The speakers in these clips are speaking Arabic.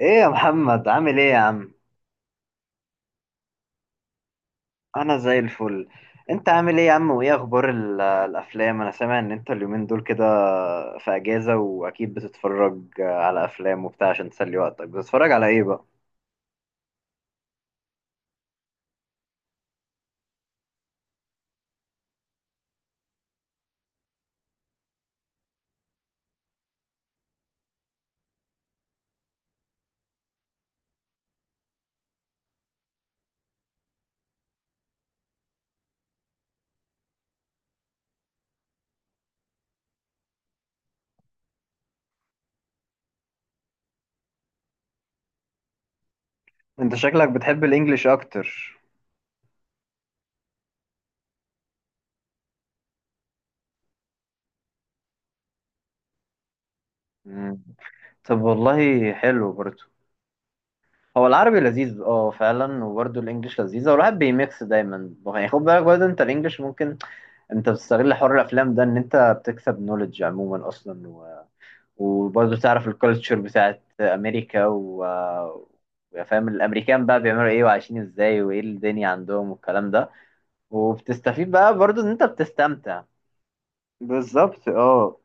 ايه يا محمد، عامل ايه يا عم؟ انا زي الفل. انت عامل ايه يا عم، وايه اخبار الافلام؟ انا سامع ان انت اليومين دول كده في اجازة، واكيد بتتفرج على افلام وبتاع عشان تسلي وقتك. بتتفرج على ايه بقى؟ انت شكلك بتحب الانجليش اكتر. مم. طب والله حلو برضه. هو العربي لذيذ، اه فعلا، وبرضه الانجليش لذيذة، والواحد بيميكس دايما. يعني خد بالك برضه، انت الانجليش ممكن انت بتستغل حوار الافلام ده ان انت بتكسب نوليدج عموما اصلا، وبرضه تعرف الكالتشر بتاعت امريكا، و فاهم، الامريكان بقى بيعملوا ايه وعايشين ازاي وايه الدنيا عندهم والكلام ده، وبتستفيد بقى برضه ان انت بتستمتع. بالظبط، اه.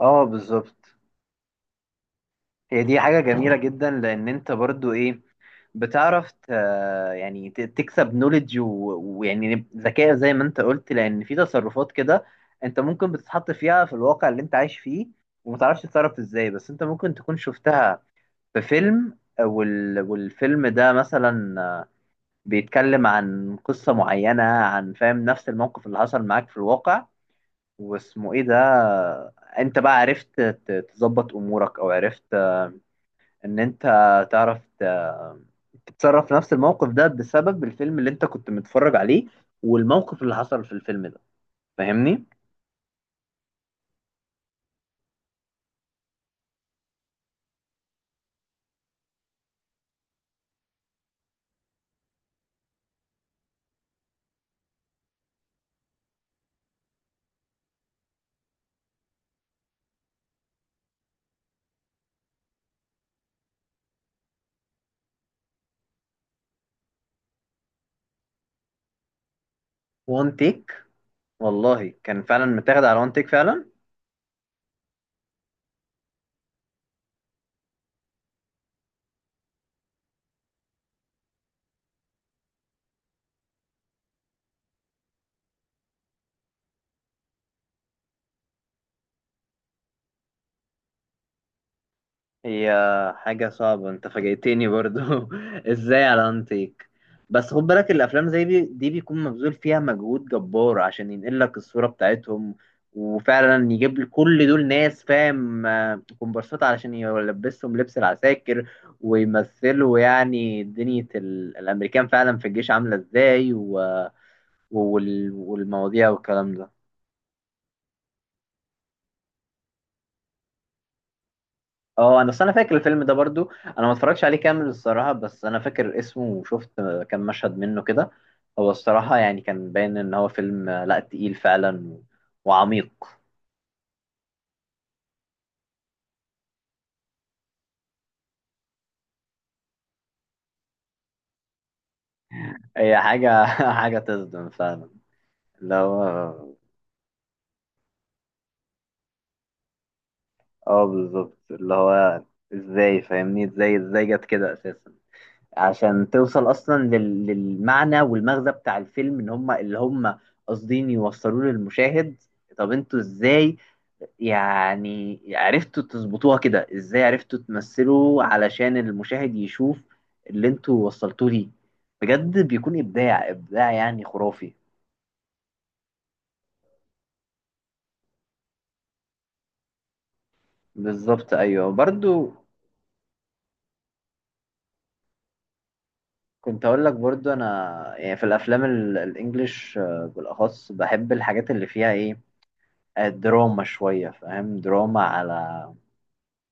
اه بالظبط. هي دي حاجة جميلة جدا، لأن أنت برضو إيه، بتعرف ت... يعني تكسب نوليدج ويعني ذكاء، زي ما أنت قلت، لأن في تصرفات كده أنت ممكن بتتحط فيها في الواقع اللي أنت عايش فيه، ومتعرفش تتصرف إزاي، بس أنت ممكن تكون شفتها في فيلم، والفيلم ده مثلا بيتكلم عن قصة معينة، عن، فاهم، نفس الموقف اللي حصل معاك في الواقع، واسمه ايه ده، انت بقى عرفت تظبط امورك، او عرفت، ان انت تعرف ت- تتصرف في نفس الموقف ده بسبب الفيلم اللي انت كنت متفرج عليه والموقف اللي حصل في الفيلم ده. فاهمني؟ وان تيك؟ والله كان فعلا متاخد على وان تيك فعلا. هي حاجة صعبة، انت فاجئتني برضو ازاي على انتيك؟ بس خد بالك، الافلام زي دي دي بيكون مبذول فيها مجهود جبار عشان ينقل لك الصورة بتاعتهم، وفعلا يجيب لك كل دول ناس، فاهم، كومبارسات علشان يلبسهم لبس العساكر ويمثلوا يعني دنيا الامريكان فعلا في الجيش عاملة ازاي، والمواضيع والكلام ده. اه انا اصل انا فاكر الفيلم ده برضو، انا ما اتفرجتش عليه كامل الصراحه، بس انا فاكر اسمه وشفت كام مشهد منه كده. هو الصراحه يعني كان باين ان هو فيلم لا تقيل فعلا وعميق. هي حاجه حاجه تصدم فعلا، اللي هو، اه بالظبط، اللي هو ازاي، فاهمني، ازاي ازاي جت كده اساسا عشان توصل اصلا للمعنى والمغزى بتاع الفيلم ان هم اللي هم قاصدين يوصلوه للمشاهد. طب انتوا ازاي يعني عرفتوا تظبطوها كده؟ ازاي عرفتوا تمثلوا علشان المشاهد يشوف اللي انتوا وصلتوه ليه؟ بجد بيكون ابداع، ابداع يعني خرافي. بالظبط ايوه برضو. كنت اقول لك برضو انا، يعني في الافلام الانجليش، بالاخص بحب الحاجات اللي فيها ايه، دراما شوية، فاهم، دراما على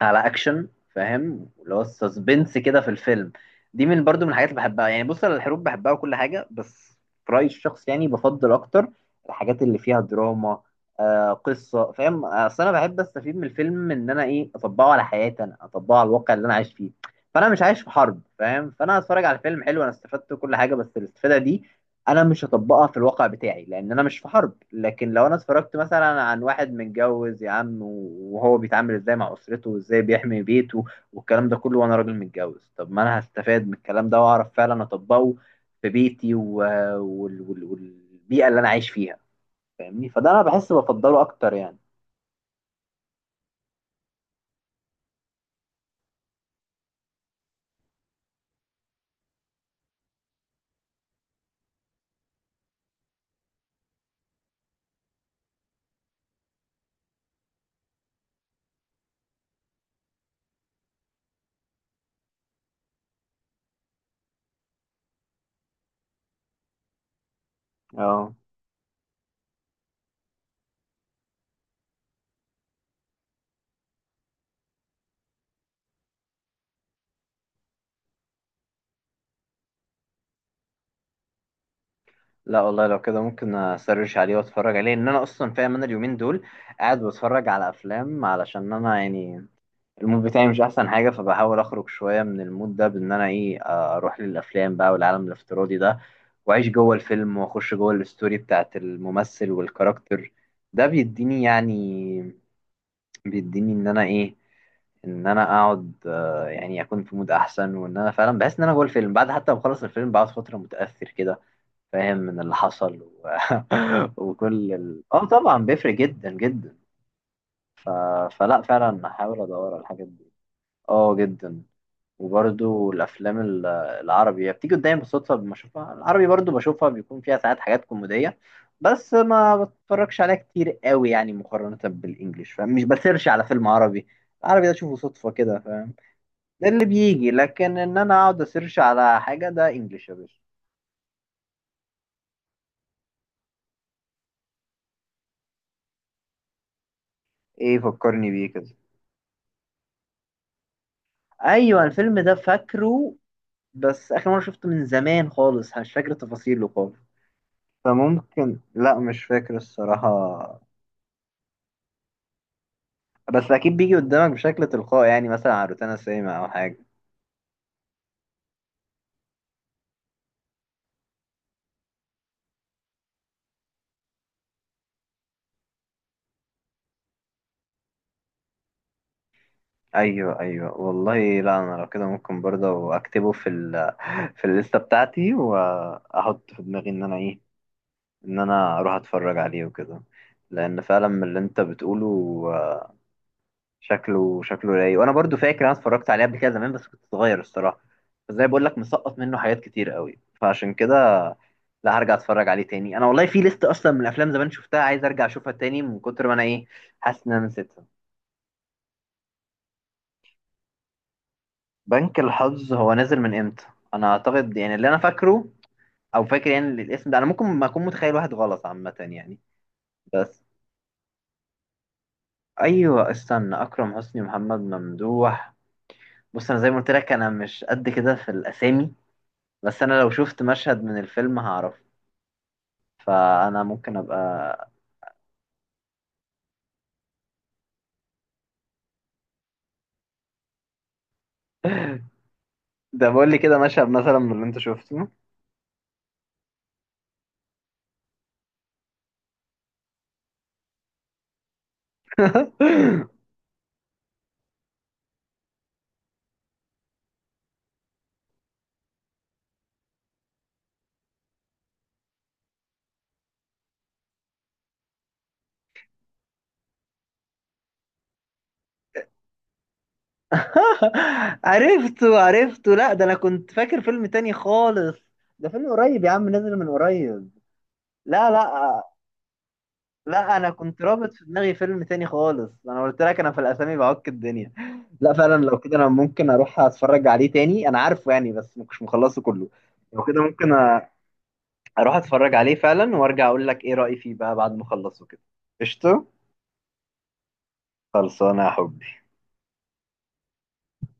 على اكشن، فاهم، اللي هو السسبنس كده في الفيلم، دي من برضو من الحاجات اللي بحبها. يعني بص، انا الحروب بحبها وكل حاجه، بس في رايي الشخصي يعني بفضل اكتر الحاجات اللي فيها دراما، آه قصه، فاهم، اصل انا بحب استفيد من الفيلم ان انا ايه، اطبقه على حياتي، انا اطبقه على الواقع اللي انا عايش فيه. فانا مش عايش في حرب، فاهم، فانا هتفرج على فيلم حلو، انا استفدت كل حاجه، بس الاستفاده دي انا مش هطبقها في الواقع بتاعي لان انا مش في حرب. لكن لو انا اتفرجت مثلا عن واحد متجوز يا عم، وهو بيتعامل ازاي مع اسرته وازاي بيحمي بيته والكلام ده كله، وانا راجل متجوز، طب ما انا هستفاد من الكلام ده واعرف فعلا اطبقه في بيتي، والبيئة اللي انا عايش فيها. فاهمني؟ فده انا بحس بفضله اكتر يعني. اه. لا والله لو كده ممكن اسرش عليه واتفرج عليه، ان انا اصلا، فاهم، انا اليومين دول قاعد بتفرج على افلام علشان انا يعني المود بتاعي مش احسن حاجه، فبحاول اخرج شويه من المود ده بان انا ايه، اروح للافلام بقى والعالم الافتراضي ده واعيش جوه الفيلم واخش جوه الستوري بتاعت الممثل والكاركتر. ده بيديني يعني، بيديني ان انا ايه، ان انا اقعد، يعني اكون في مود احسن، وان انا فعلا بحس ان انا جوه الفيلم. بعد حتى ما اخلص الفيلم بقعد فتره متاثر كده، فاهم، من اللي حصل اه طبعا بيفرق جدا جدا. ف... فلا فعلا هحاول ادور على الحاجات دي. اه جدا. وبرضو الافلام العربي هي بتيجي قدامي بالصدفه، لما اشوفها العربي برضو بشوفها بيكون فيها ساعات حاجات كوميديه، بس ما بتفرجش عليها كتير قوي يعني مقارنه بالانجليش، فاهم، مش بسيرش على فيلم عربي. العربي ده اشوفه صدفه كده، فاهم، ده اللي بيجي. لكن ان انا اقعد اسيرش على حاجه، ده انجليش يا باشا. ايه؟ فكرني بيه كده. ايوه، الفيلم ده فاكره، بس اخر مره شفته من زمان خالص، مش فاكر تفاصيله خالص. فممكن، لا مش فاكر الصراحه، بس اكيد بيجي قدامك بشكل تلقائي يعني، مثلا على روتانا سيما او حاجه. ايوه ايوه والله. لا انا لو كده ممكن برضه اكتبه في ال في الليسته بتاعتي، واحط في دماغي ان انا ايه، ان انا اروح اتفرج عليه وكده، لان فعلا من اللي انت بتقوله، آه، شكله، شكله رايق، وانا برضه فاكر انا اتفرجت عليه قبل كده زمان بس كنت صغير الصراحه. بس زي بقول لك، مسقط منه حاجات كتير قوي، فعشان كده لا هرجع اتفرج عليه تاني. انا والله في ليست اصلا من افلام زمان شفتها عايز ارجع اشوفها تاني من كتر ما انا ايه، حاسس ان انا نسيتها. بنك الحظ هو نازل من امتى؟ انا اعتقد يعني اللي انا فاكره، او فاكر يعني الاسم ده، انا ممكن ما اكون متخيل واحد غلط، عامه يعني. بس، ايوه، استنى، اكرم حسني ومحمد ممدوح. بص انا زي ما قلت لك انا مش قد كده في الاسامي، بس انا لو شفت مشهد من الفيلم هعرف. فانا ممكن ابقى ده بقول لي كده مشهد مثلا من اللي انت شفته. عرفته، عرفته. لا، ده انا كنت فاكر فيلم تاني خالص. ده فيلم قريب يا عم، نزل من قريب. لا. لا انا كنت رابط في دماغي فيلم تاني خالص، انا قلت لك انا في الاسامي بعك الدنيا. لا فعلا لو كده انا ممكن اروح اتفرج عليه تاني، انا عارفه يعني بس مش مخلصه كله. لو كده ممكن اروح اتفرج عليه فعلا، وارجع اقول لك ايه رأيي فيه بقى بعد ما اخلصه كده. قشطه. خلصانه يا حبي